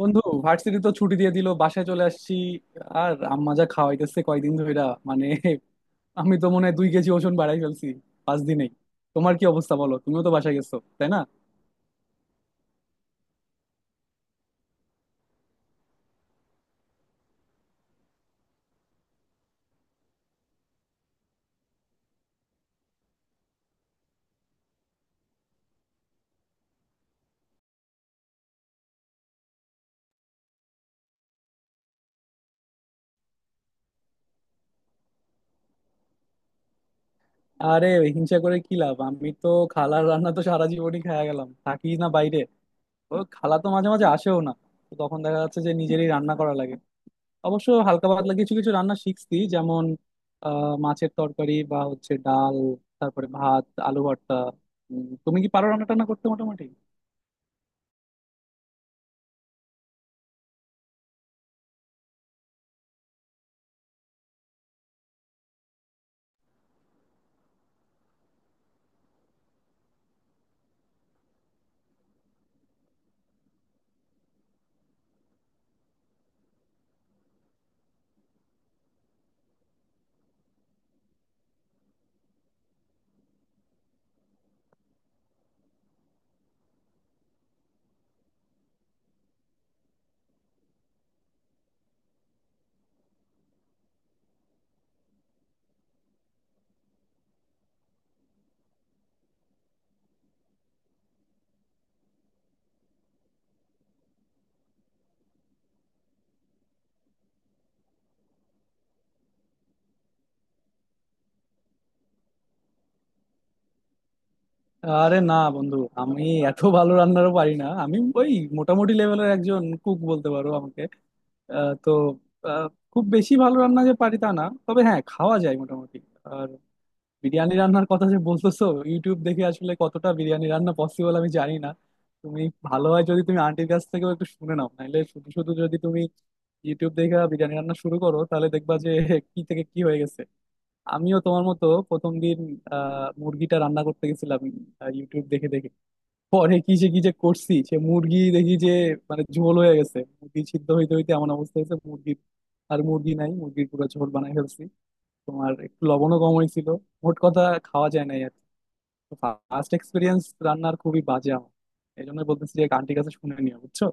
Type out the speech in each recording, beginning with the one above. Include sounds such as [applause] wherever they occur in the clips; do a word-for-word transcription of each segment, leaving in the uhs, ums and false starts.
বন্ধু, ভার্সিটি তো ছুটি দিয়ে দিল, বাসায় চলে আসছি। আর আম্মা যা খাওয়াইতেছে কয়দিন ধইরা, মানে, আমি তো মনে হয় দুই কেজি ওজন বাড়াই ফেলছি পাঁচ দিনেই। তোমার কি অবস্থা বলো? তুমিও তো বাসায় গেছো, তাই না? আরে, হিংসা করে কি লাভ? আমি তো খালার রান্না তো সারা জীবনই খায়া গেলাম, থাকি না বাইরে। ও খালা তো মাঝে মাঝে আসেও না, তো তখন দেখা যাচ্ছে যে নিজেরই রান্না করা লাগে। অবশ্য হালকা পাতলা কিছু কিছু রান্না শিখছি, যেমন আহ মাছের তরকারি বা হচ্ছে ডাল, তারপরে ভাত, আলু ভর্তা। উম, তুমি কি পারো রান্না টান্না করতে মোটামুটি? আরে না বন্ধু, আমি এত ভালো রান্নারও পারি না। আমি ওই মোটামুটি লেভেলের একজন কুক বলতে পারো আমাকে। আহ, তো আহ, খুব বেশি ভালো রান্না যে পারি তা না, তবে হ্যাঁ, খাওয়া যায় মোটামুটি। আর বিরিয়ানি রান্নার কথা যে বলতেছো, ইউটিউব দেখে আসলে কতটা বিরিয়ানি রান্না পসিবল আমি জানি না। তুমি ভালো হয় যদি তুমি আন্টির কাছ থেকেও একটু শুনে নাও, নাহলে শুধু শুধু যদি তুমি ইউটিউব দেখে বিরিয়ানি রান্না শুরু করো, তাহলে দেখবা যে [laughs] কি থেকে কি হয়ে গেছে। আমিও তোমার মতো প্রথম দিন আহ মুরগিটা রান্না করতে গেছিলাম আহ, ইউটিউব দেখে দেখে। পরে কি যে কি যে করছি, সে মুরগি দেখি যে, মানে, ঝোল হয়ে গেছে। মুরগি সিদ্ধ হইতে হইতে এমন অবস্থা হয়েছে মুরগির, আর মুরগি নাই, মুরগির পুরো ঝোল বানাই ফেলছি। তোমার একটু লবণও কম হয়েছিল। মোট কথা, খাওয়া যায় নাই আর। ফার্স্ট এক্সপিরিয়েন্স রান্নার খুবই বাজে আমার। এই জন্য বলতেছি যে আন্টির কাছে শুনে নিও, বুঝছো?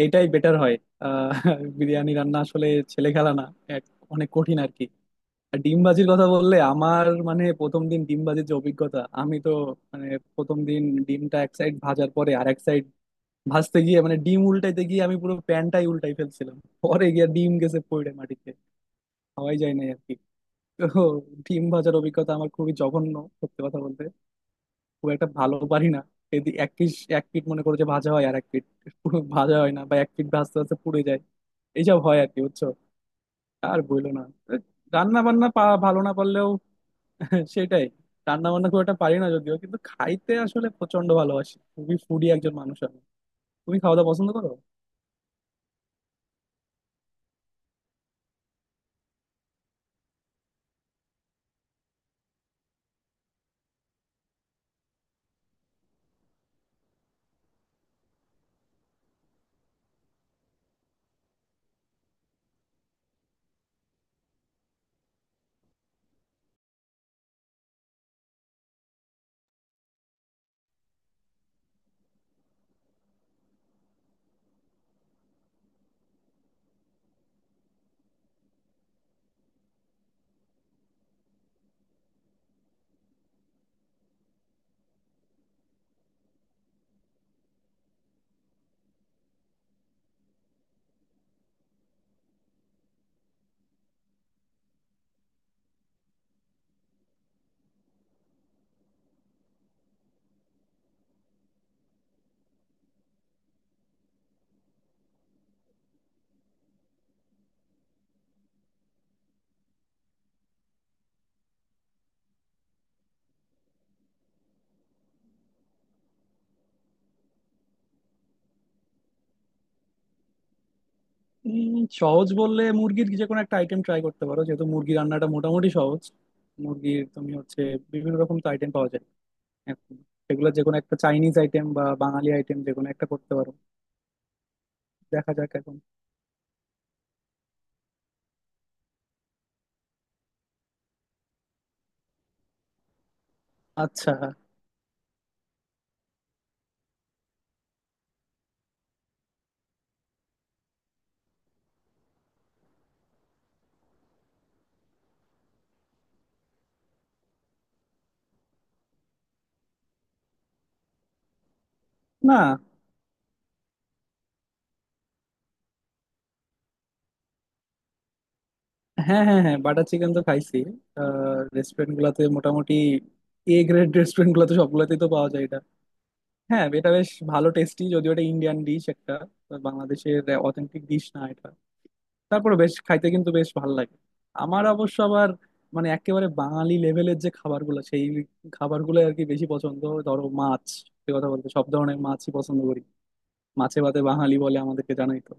এইটাই বেটার হয়। আহ বিরিয়ানি রান্না আসলে ছেলে খেলা না। এক- অনেক কঠিন আর কি। আর ডিমবাজির কথা বললে আমার, মানে, প্রথম দিন ডিমবাজির যে অভিজ্ঞতা, আমি তো, মানে, প্রথম দিন ডিমটা এক সাইড ভাজার পরে আর এক সাইড ভাজতে গিয়ে, মানে, ডিম উল্টাইতে গিয়ে আমি পুরো প্যানটাই উল্টাই ফেলছিলাম। পরে গিয়ে ডিম গেছে পড়ে মাটিতে, খাওয়াই যায় নাই আর কি। তো ডিম ভাজার অভিজ্ঞতা আমার খুবই জঘন্য। সত্যি কথা বলতে, খুব একটা ভালো পারি না। এদিক এক পিস, এক পিট মনে করো যে ভাজা হয়, আর এক পিট পুরো ভাজা হয় না, বা এক পিট ভাজতে ভাজতে পুড়ে যায়। এইসব হয় আর কি, বুঝছো? আর বললো না, রান্না বান্না পা- ভালো না পারলেও [laughs] সেটাই। রান্না বান্না খুব একটা পারি না যদিও, কিন্তু খাইতে আসলে প্রচন্ড ভালোবাসি, খুবই ফুডি একজন মানুষ আমি। তুমি খাওয়া দাওয়া পছন্দ করো? উম, সহজ বললে মুরগির যে কোনো একটা আইটেম ট্রাই করতে পারো, যেহেতু মুরগি রান্নাটা মোটামুটি সহজ। মুরগির তুমি হচ্ছে বিভিন্ন রকম তো আইটেম পাওয়া যায় এখন। সেগুলো যে কোনো একটা চাইনিজ আইটেম বা বাঙালি আইটেম যে কোনো একটা করতে পারো। দেখা যাক এখন। আচ্ছা। না। হ্যাঁ, হ্যাঁ, হ্যাঁ, বাটার চিকেন তো খাইছি। রেস্টুরেন্ট গুলাতে মোটামুটি, এ গ্রেড রেস্টুরেন্ট গুলাতে সবগুলাতেই তো পাওয়া যায়। হ্যাঁ, এটা বেশ ভালো টেস্টি, যদিও এটা ইন্ডিয়ান ডিশ একটা। আহ, বাংলাদেশের অথেন্টিক ডিশ না এটা। তারপরে বেশ খাইতে কিন্তু বেশ ভালো লাগে। আমার অবশ্য আবার, মানে, একেবারে বাঙালি লেভেলের যে খাবারগুলো সেই খাবারগুলো আর কি বেশি পছন্দ। ধরো মাছ, সে কথা বলতে সব ধরনের মাছই পছন্দ করি। মাছে ভাতে বাঙালি বলে আমাদেরকে জানাই তো।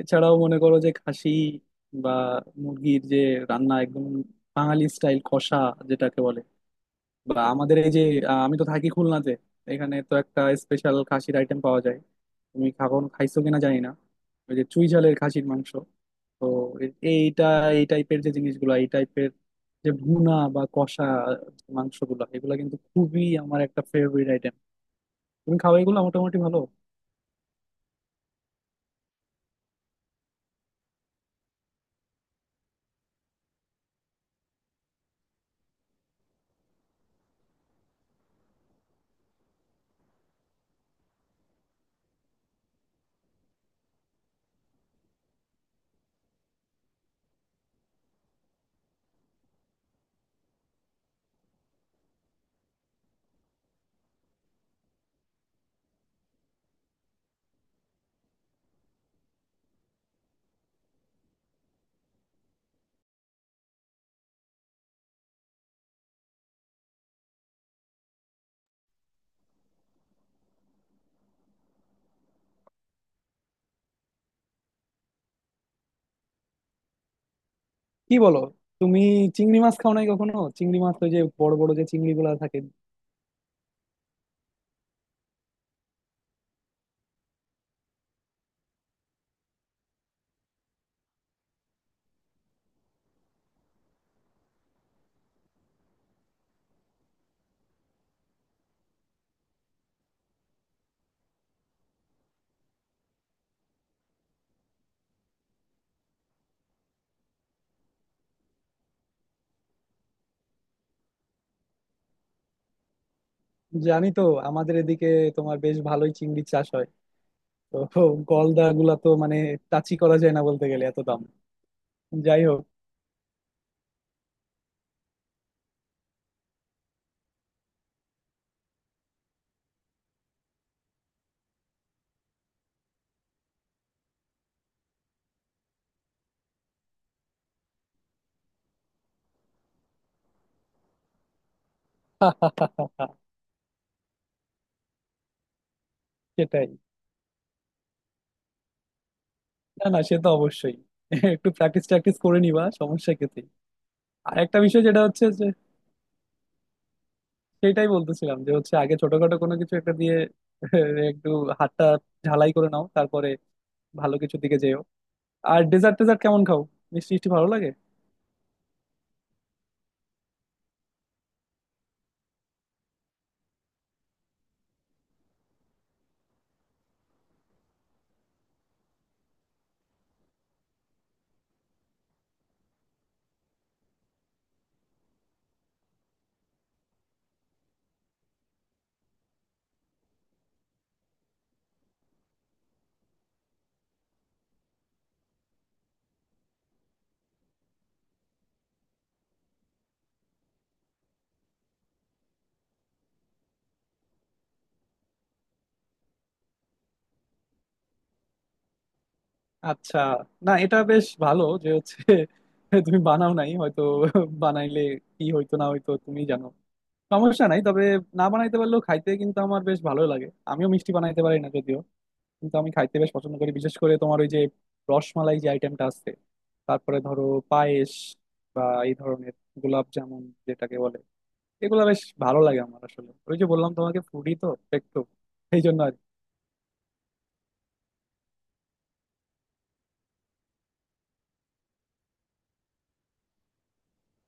এছাড়াও মনে করো যে খাসি বা মুরগির যে রান্না একদম বাঙালি স্টাইল কষা, যেটাকে বলে, বা আমাদের এই যে আহ, আমি তো থাকি খুলনাতে। এখানে তো একটা স্পেশাল খাসির আইটেম পাওয়া যায়। তুমি খাবো খাইছো কিনা জানি না, ওই যে চুই ঝালের খাসির মাংস। তো এ- এইটা, এই টাইপের যে জিনিসগুলো, এই টাইপের যে ভুনা বা কষা মাংসগুলো, এগুলো কিন্তু খুবই আমার একটা ফেভারিট আইটেম। তুমি খাও এগুলো? মোটামুটি ভালো। কি বলো? তুমি চিংড়ি মাছ খাও নাই কখনো? চিংড়ি মাছ, ওই যে বড় বড় যে চিংড়ি গুলা থাকে? জানি তো। আমাদের এদিকে তোমার বেশ ভালোই চিংড়ি চাষ হয়, তো গলদা গুলা তো, মানে, টাচই করা যায় না বলতে গেলে, এত দাম। যাই হোক। [laughs] সেটাই। না না, সে তো অবশ্যই। [laughs] একটু প্র্যাকটিস ট্র্যাকটিস করে নিবা সমস্যা ক্ষেত্রে। আর একটা বিষয় যেটা হচ্ছে যে, সেটাই বলতেছিলাম যে হচ্ছে আগে ছোটখাটো কোনো কিছু একটা দিয়ে [laughs] একটু হাতটা ঝালাই করে নাও, তারপরে ভালো কিছুর দিকে যেও। আর ডেজার্ট টেজার্ট কেমন খাও? মিষ্টি মিষ্টি ভালো লাগে? আচ্ছা। না, এটা বেশ ভালো যে হচ্ছে, [laughs] তুমি বানাও নাই হয়তো। [laughs] বানাইলে কি হইতো না হইতো তুমি জানো। সমস্যা নাই তবে, না বানাইতে পারলেও খাইতে কিন্তু আমার বেশ ভালো লাগে। আমিও মিষ্টি বানাইতে পারি না যদিও, কিন্তু আমি খাইতে বেশ পছন্দ করি, বিশেষ করে তোমার ওই যে রসমালাই যে আইটেমটা আছে, তারপরে ধরো পায়েস বা এই ধরনের গোলাপ জামুন, যেটাকে বলে, এগুলা বেশ ভালো লাগে আমার। আসলে ওই যে বললাম তোমাকে, ফুডি তো একটু, এই জন্য।